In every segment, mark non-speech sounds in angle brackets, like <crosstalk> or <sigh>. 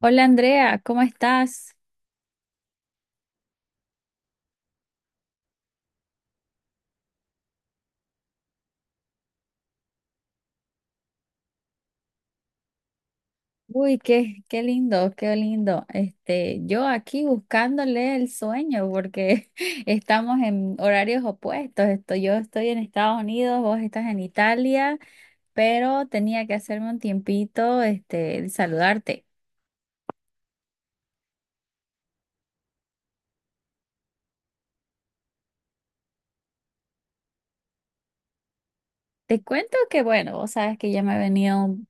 Hola Andrea, ¿cómo estás? Uy, qué lindo, qué lindo. Este, yo aquí buscándole el sueño porque <laughs> estamos en horarios opuestos. Yo estoy en Estados Unidos, vos estás en Italia, pero tenía que hacerme un tiempito, este, de saludarte. Te cuento que, bueno, vos sabes que ya me he venido un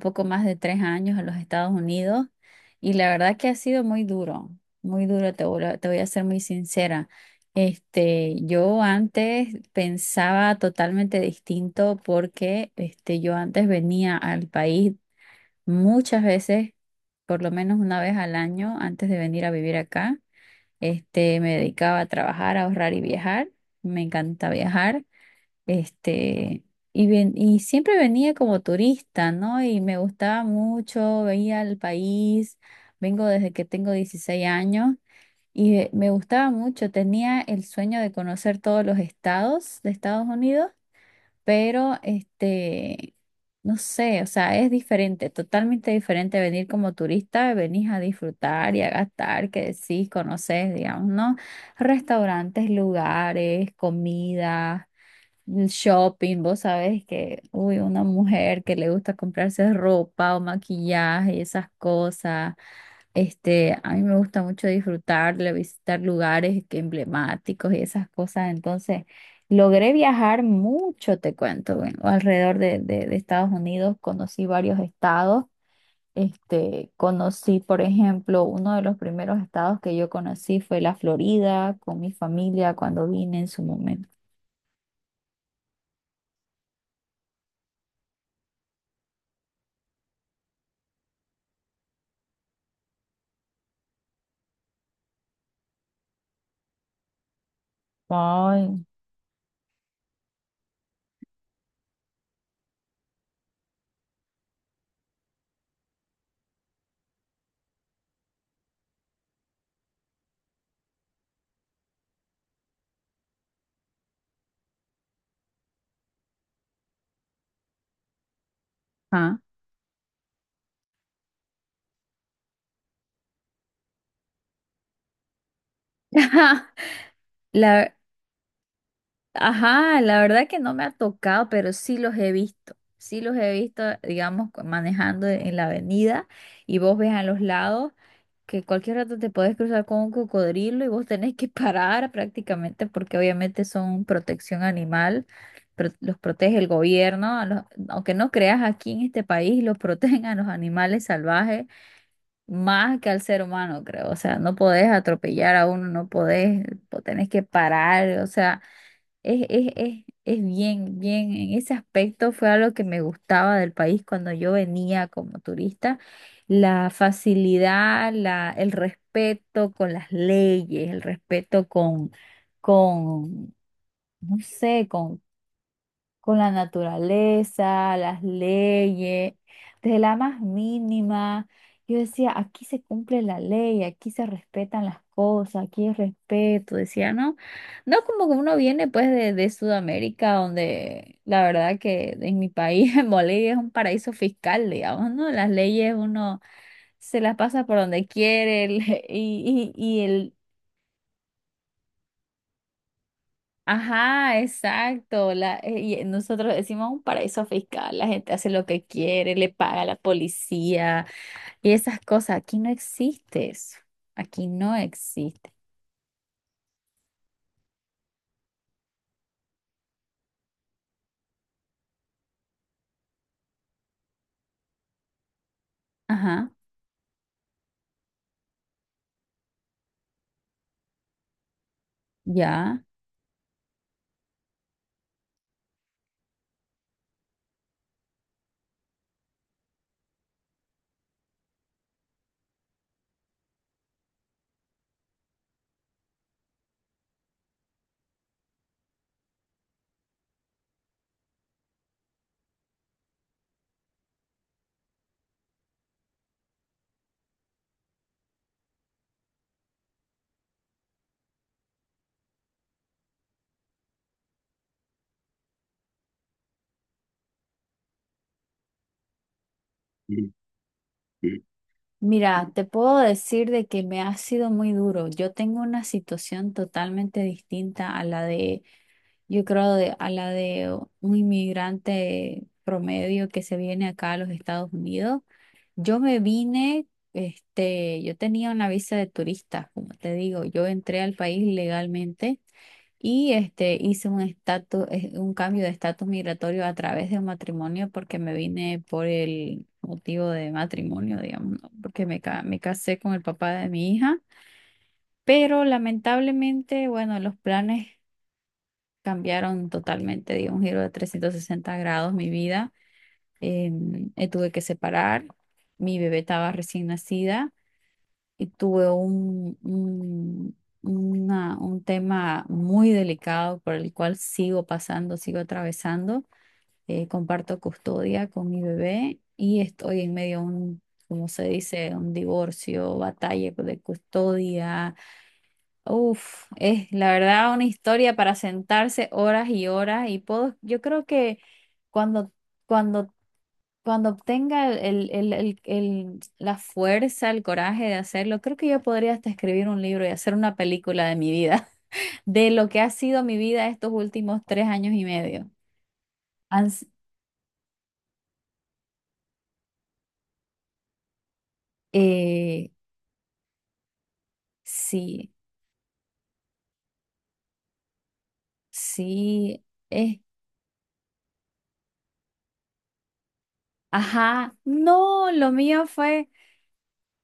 poco más de 3 años en los Estados Unidos y la verdad que ha sido muy duro, te voy a ser muy sincera. Este, yo antes pensaba totalmente distinto porque este, yo antes venía al país muchas veces, por lo menos una vez al año, antes de venir a vivir acá. Este, me dedicaba a trabajar, a ahorrar y viajar. Me encanta viajar. Este, y siempre venía como turista, ¿no? Y me gustaba mucho, veía el país, vengo desde que tengo 16 años y me gustaba mucho, tenía el sueño de conocer todos los estados de Estados Unidos, pero este, no sé, o sea, es diferente, totalmente diferente venir como turista, venís a disfrutar y a gastar, que decís, conoces, digamos, ¿no? Restaurantes, lugares, comida shopping, vos sabés que, uy, una mujer que le gusta comprarse ropa o maquillaje y esas cosas. Este, a mí me gusta mucho disfrutarle, visitar lugares que emblemáticos y esas cosas. Entonces, logré viajar mucho, te cuento, bueno, alrededor de Estados Unidos, conocí varios estados. Este, conocí, por ejemplo, uno de los primeros estados que yo conocí fue la Florida con mi familia cuando vine en su momento. Ay. <laughs> Ajá, la, ajá, la verdad que no me ha tocado, pero sí los he visto. Sí los he visto, digamos, manejando en la avenida y vos ves a los lados que cualquier rato te podés cruzar con un cocodrilo y vos tenés que <laughs> parar prácticamente porque obviamente son protección animal, los protege el gobierno, a aunque no creas aquí en este país, los <laughs> protegen a los animales salvajes más que al ser humano, creo. O sea, no podés atropellar a uno, no podés, tenés que parar, o sea. Es bien, bien, en ese aspecto fue algo que me gustaba del país cuando yo venía como turista, la facilidad, la, el respeto con las leyes, el respeto con, no sé, con la naturaleza, las leyes, desde la más mínima. Yo decía, aquí se cumple la ley, aquí se respetan las cosas, aquí es respeto, decía, ¿no? No como que uno viene pues de Sudamérica, donde la verdad que en mi país, <laughs> en Bolivia, es un paraíso fiscal, digamos, ¿no? Las leyes uno se las pasa por donde quiere <laughs> y, y, Ajá, exacto. Y nosotros decimos un paraíso fiscal, la gente hace lo que quiere, le paga a la policía y esas cosas. Aquí no existe eso. Aquí no existe. Ajá, ya. Mira, te puedo decir de que me ha sido muy duro. Yo tengo una situación totalmente distinta a la de, yo creo, de, a la de un inmigrante promedio que se viene acá a los Estados Unidos. Yo me vine, este, yo tenía una visa de turista, como te digo, yo entré al país legalmente y este, hice un estatus, un cambio de estatus migratorio a través de un matrimonio porque me vine por el motivo de matrimonio, digamos, ¿no? Porque me casé con el papá de mi hija, pero lamentablemente, bueno, los planes cambiaron totalmente, di un giro de 360 grados mi vida, tuve que separar. Mi bebé estaba recién nacida y tuve un tema muy delicado por el cual sigo pasando, sigo atravesando. Comparto custodia con mi bebé y estoy en medio de un, como se dice, un divorcio, batalla de custodia. Uf, es la verdad una historia para sentarse horas y horas y puedo, yo creo que cuando... Cuando cuando obtenga la fuerza, el coraje de hacerlo, creo que yo podría hasta escribir un libro y hacer una película de mi vida, <laughs> de lo que ha sido mi vida estos últimos 3 años y medio. Han s- eh, sí, sí, eh, ajá, no, lo mío fue,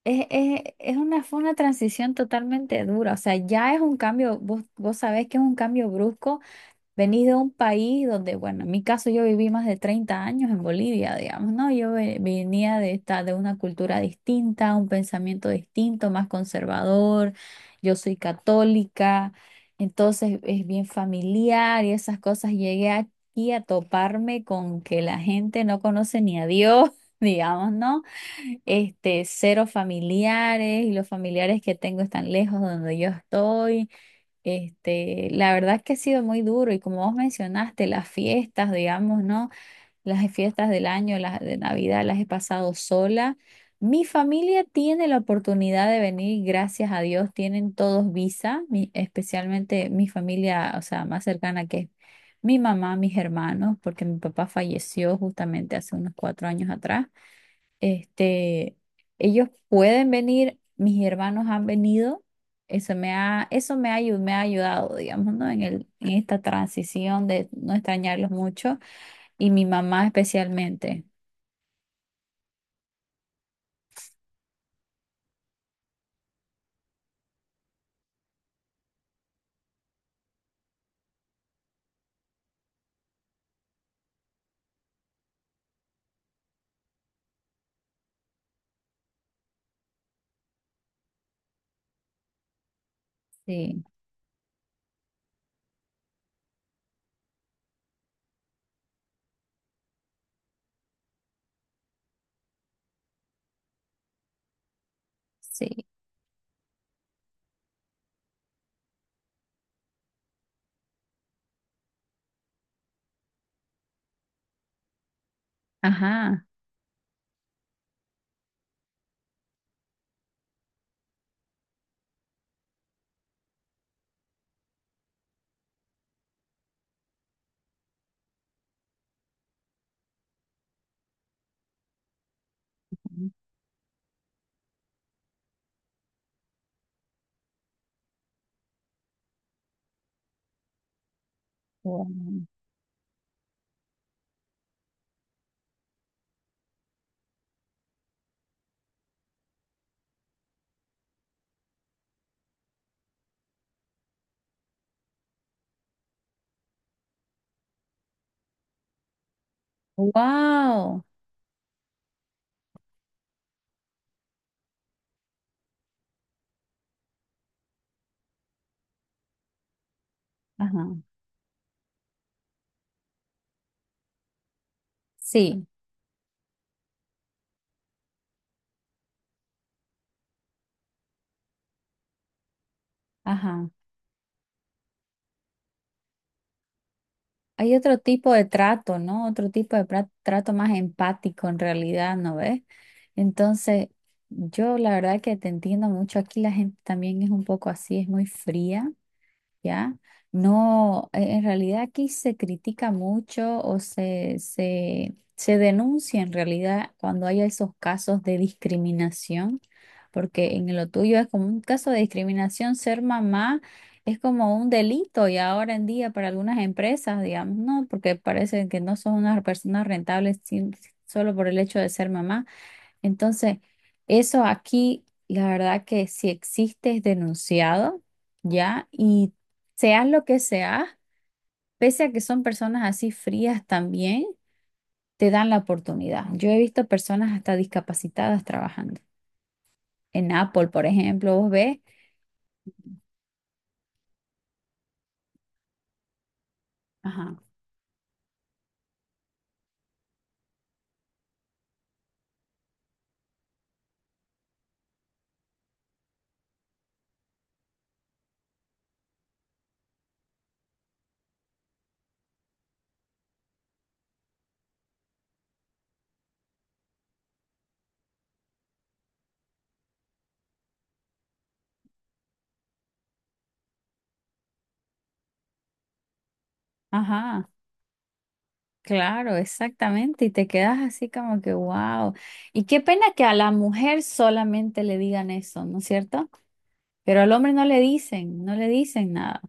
es una, fue una transición totalmente dura, o sea, ya es un cambio, vos, vos sabés que es un cambio brusco. Venís de un país donde, bueno, en mi caso yo viví más de 30 años en Bolivia, digamos, ¿no? Yo venía de esta, de una cultura distinta, un pensamiento distinto, más conservador. Yo soy católica, entonces es bien familiar y esas cosas. Llegué aquí a toparme con que la gente no conoce ni a Dios, <laughs> digamos, ¿no? Este, cero familiares y los familiares que tengo están lejos de donde yo estoy. Este, la verdad es que ha sido muy duro y como vos mencionaste, las fiestas, digamos, ¿no? Las fiestas del año, las de Navidad, las he pasado sola. Mi familia tiene la oportunidad de venir, gracias a Dios, tienen todos visa, especialmente mi familia, o sea, más cercana que es mi mamá, mis hermanos, porque mi papá falleció justamente hace unos 4 años atrás. Este, ellos pueden venir, mis hermanos han venido. Eso me ha, me ha ayudado, digamos, ¿no? En el, en esta transición de no extrañarlos mucho y mi mamá especialmente. Sí, sí. Ajá. Wow. Wow. Ajá. Sí, ajá. Hay otro tipo de trato, ¿no? Otro tipo de trato más empático en realidad, ¿no ves? Entonces, yo la verdad que te entiendo mucho. Aquí la gente también es un poco así, es muy fría, ¿ya? No, en realidad aquí se critica mucho o se denuncia en realidad cuando hay esos casos de discriminación, porque en lo tuyo es como un caso de discriminación, ser mamá es como un delito y ahora en día para algunas empresas, digamos, no, porque parece que no son unas personas rentables solo por el hecho de ser mamá. Entonces, eso aquí, la verdad que si existe es denunciado, ¿ya? Y seas lo que seas, pese a que son personas así frías también, te dan la oportunidad. Yo he visto personas hasta discapacitadas trabajando. En Apple, por ejemplo, vos ves, ajá, ajá, claro, exactamente, y te quedas así como que, wow. Y qué pena que a la mujer solamente le digan eso, ¿no es cierto? Pero al hombre no le dicen, no le dicen nada.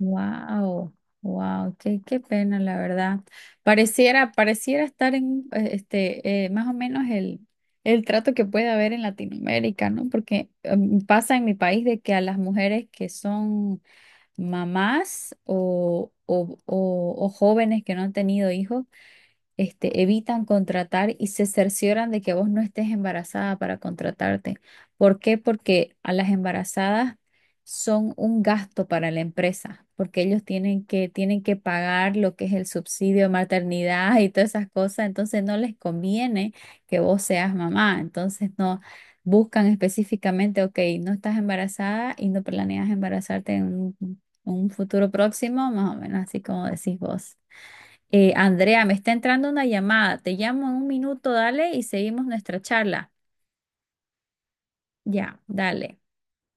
Wow, wow, qué, qué pena, la verdad. Pareciera, pareciera estar en este más o menos el trato que puede haber en Latinoamérica, ¿no? Porque pasa en mi país de que a las mujeres que son mamás o jóvenes que no han tenido hijos, este, evitan contratar y se cercioran de que vos no estés embarazada para contratarte. ¿Por qué? Porque a las embarazadas son un gasto para la empresa, porque ellos tienen que pagar lo que es el subsidio de maternidad y todas esas cosas, entonces no les conviene que vos seas mamá, entonces no buscan específicamente, ok, no estás embarazada y no planeas embarazarte en un futuro próximo, más o menos así como decís vos. Andrea, me está entrando una llamada. Te llamo en un minuto, dale, y seguimos nuestra charla. Ya, dale.